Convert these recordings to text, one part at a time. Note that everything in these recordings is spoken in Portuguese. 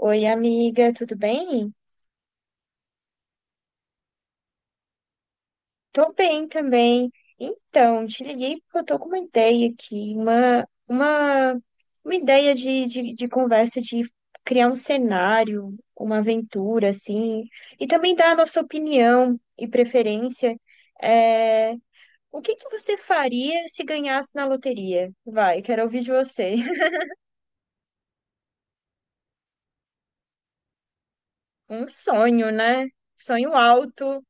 Oi, amiga, tudo bem? Tô bem também. Então, te liguei porque eu tô com uma ideia aqui, uma ideia de conversa, de criar um cenário, uma aventura, assim, e também dar a nossa opinião e preferência. É, o que que você faria se ganhasse na loteria? Vai, quero ouvir de você. Um sonho, né? Sonho alto.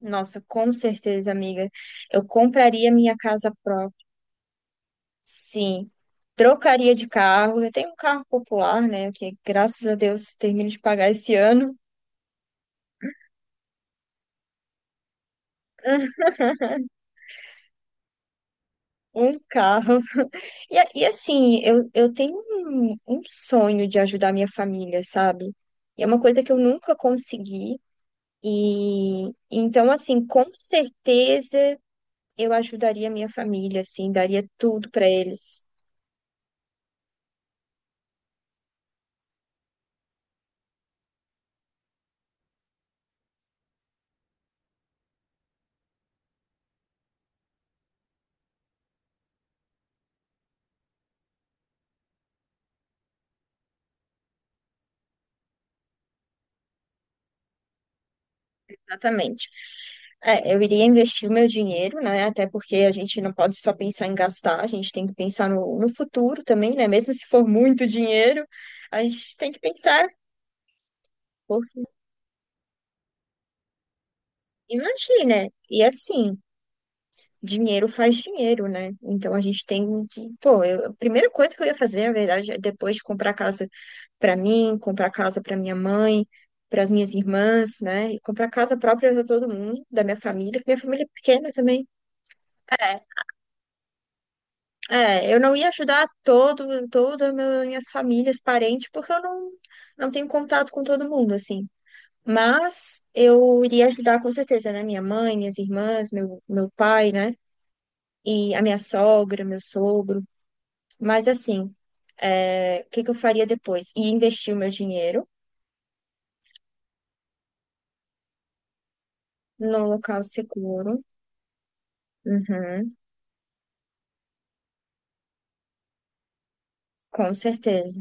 Nossa, com certeza, amiga. Eu compraria minha casa própria. Sim, trocaria de carro. Eu tenho um carro popular, né? Que graças a Deus termino de pagar esse ano um carro. E, e assim, eu tenho um sonho de ajudar minha família, sabe? E é uma coisa que eu nunca consegui. E então, assim, com certeza eu ajudaria minha família, assim, daria tudo para eles. Exatamente. É, eu iria investir o meu dinheiro, né? Até porque a gente não pode só pensar em gastar, a gente tem que pensar no futuro também, né? Mesmo se for muito dinheiro, a gente tem que pensar, porque imagina, e assim, dinheiro faz dinheiro, né? Então a gente tem que, pô, a primeira coisa que eu ia fazer, na verdade, é depois de comprar casa para mim, comprar casa para minha mãe, para as minhas irmãs, né? E comprar casa própria para todo mundo, da minha família, que minha família é pequena também. É, eu não ia ajudar minhas famílias, parentes, porque eu não, não tenho contato com todo mundo, assim. Mas eu iria ajudar com certeza, né? Minha mãe, minhas irmãs, meu pai, né? E a minha sogra, meu sogro. Mas assim, o que que eu faria depois? E investir o meu dinheiro num local seguro. Uhum, com certeza.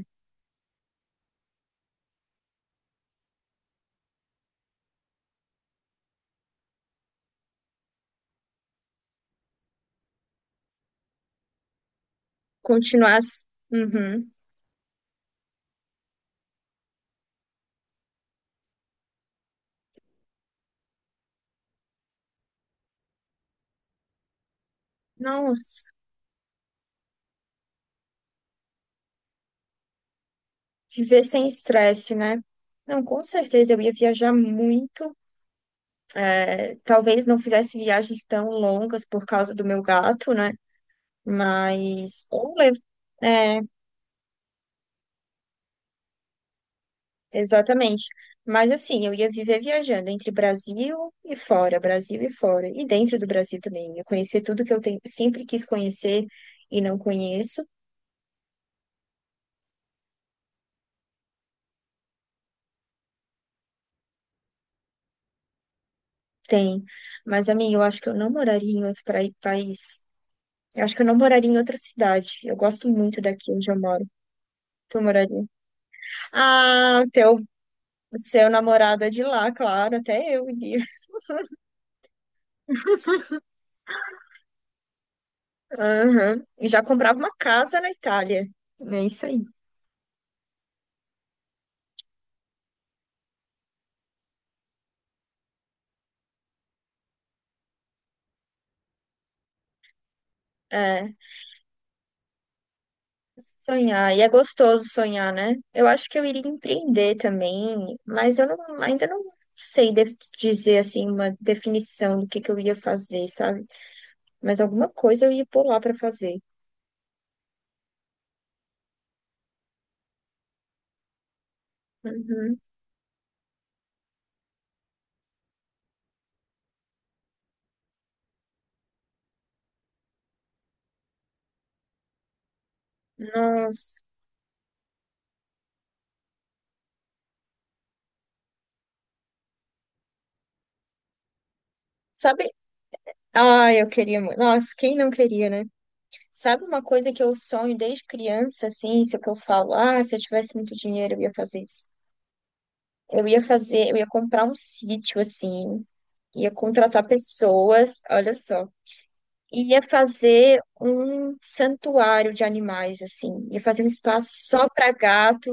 Continuar. Uhum. Nossa, viver sem estresse, né? Não, com certeza eu ia viajar muito. É, talvez não fizesse viagens tão longas por causa do meu gato, né? Mas. É, exatamente. Mas assim, eu ia viver viajando entre Brasil e fora, e dentro do Brasil também. Eu conhecer tudo que eu tenho, sempre quis conhecer e não conheço, tem. Mas, amiga, eu acho que eu não moraria em outro país. Eu acho que eu não moraria em outra cidade. Eu gosto muito daqui onde eu moro. Tu moraria? Ah, teu Seu namorado é de lá, claro, até eu iria. Aham. E já comprava uma casa na Itália. É isso aí. É, sonhar. E é gostoso sonhar, né? Eu acho que eu iria empreender também, mas eu não- ainda não sei dizer assim uma definição do que eu ia fazer, sabe? Mas alguma coisa eu ia pular para fazer. Uhum. Nossa, sabe? Ah, eu queria muito. Nossa, quem não queria, né? Sabe uma coisa que eu sonho desde criança, assim, isso que eu falo, ah, se eu tivesse muito dinheiro, eu ia fazer isso. Eu ia fazer, eu ia comprar um sítio, assim, ia contratar pessoas, olha só, ia fazer um santuário de animais, assim, ia fazer um espaço só para gato,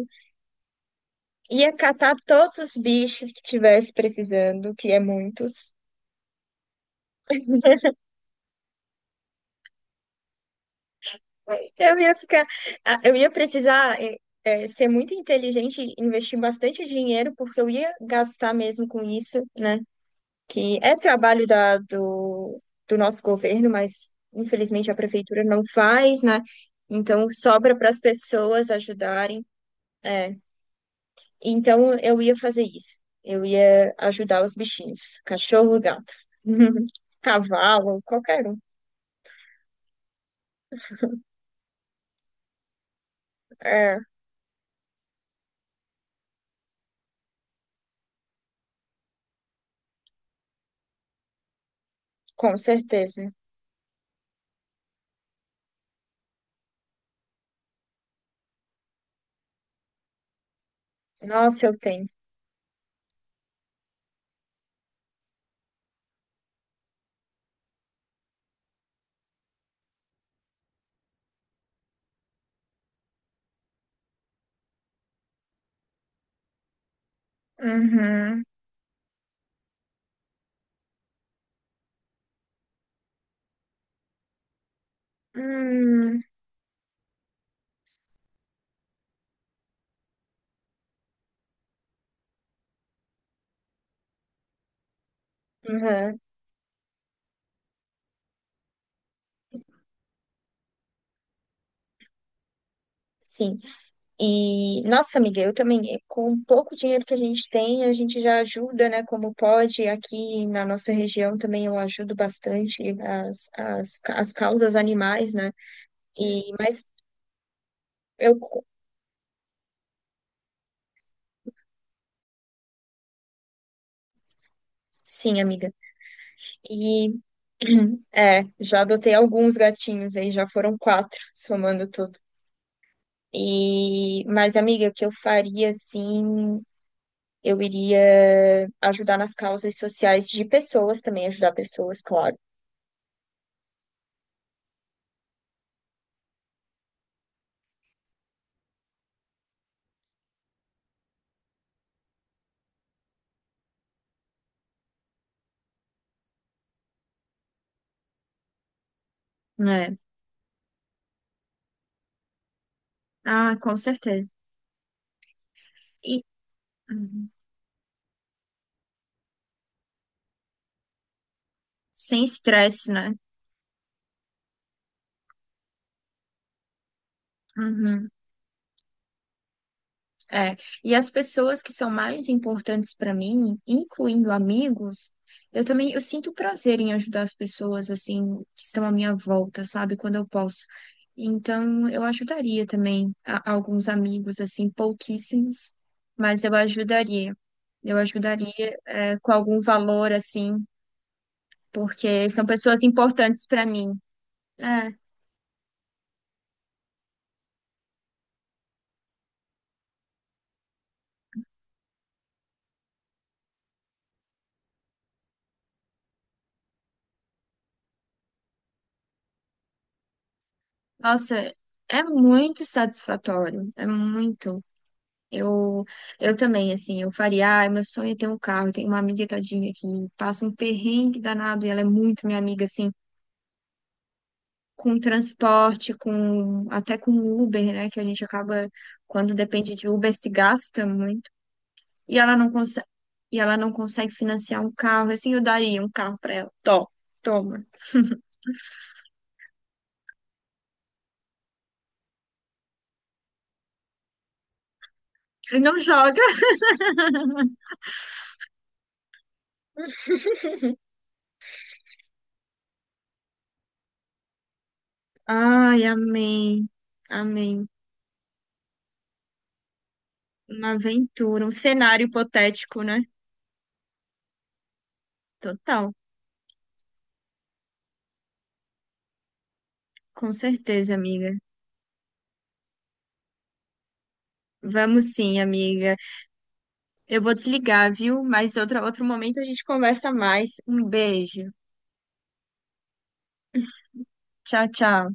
ia catar todos os bichos que tivesse precisando, que é muitos. Eu ia ficar, ah, eu ia precisar ser muito inteligente, e investir bastante dinheiro, porque eu ia gastar mesmo com isso, né? Que é trabalho do nosso governo, mas infelizmente a prefeitura não faz, né? Então sobra para as pessoas ajudarem. É. Então eu ia fazer isso. Eu ia ajudar os bichinhos, cachorro, gato, cavalo, qualquer um. É, com certeza. Nossa, eu tenho. Uhum. Hum, aham, sim. E, nossa, amiga, eu também, com o pouco dinheiro que a gente tem, a gente já ajuda, né, como pode. Aqui na nossa região também eu ajudo bastante as causas animais, né? E, mas eu, co- sim, amiga. E, é, já adotei alguns gatinhos aí, já foram quatro, somando tudo. E, mas, amiga, o que eu faria, assim. Eu iria ajudar nas causas sociais de pessoas também, ajudar pessoas, claro. É. Ah, com certeza. E uhum. Sem estresse, né? Uhum. É, e as pessoas que são mais importantes para mim, incluindo amigos, eu também eu sinto prazer em ajudar as pessoas assim que estão à minha volta, sabe, quando eu posso. Então, eu ajudaria também alguns amigos assim, pouquíssimos, mas eu ajudaria. Eu ajudaria é, com algum valor assim, porque são pessoas importantes para mim. É, nossa, é muito satisfatório, é muito. Eu, eu também, assim, eu faria, ah, meu sonho é ter um carro. Eu tenho uma amiga tadinha que passa um perrengue danado e ela é muito minha amiga, assim, com transporte, com até com Uber, né? Que a gente acaba, quando depende de Uber, se gasta mu- e ela não consegue, e ela não consegue financiar um carro. Assim, eu daria um carro pra ela. Tó, toma. Ele não joga. Ai, amém. Amém. Uma aventura, um cenário hipotético, né? Total, com certeza, amiga. Vamos sim, amiga. Eu vou desligar, viu? Mas outro, outro momento a gente conversa mais. Um beijo. Tchau, tchau.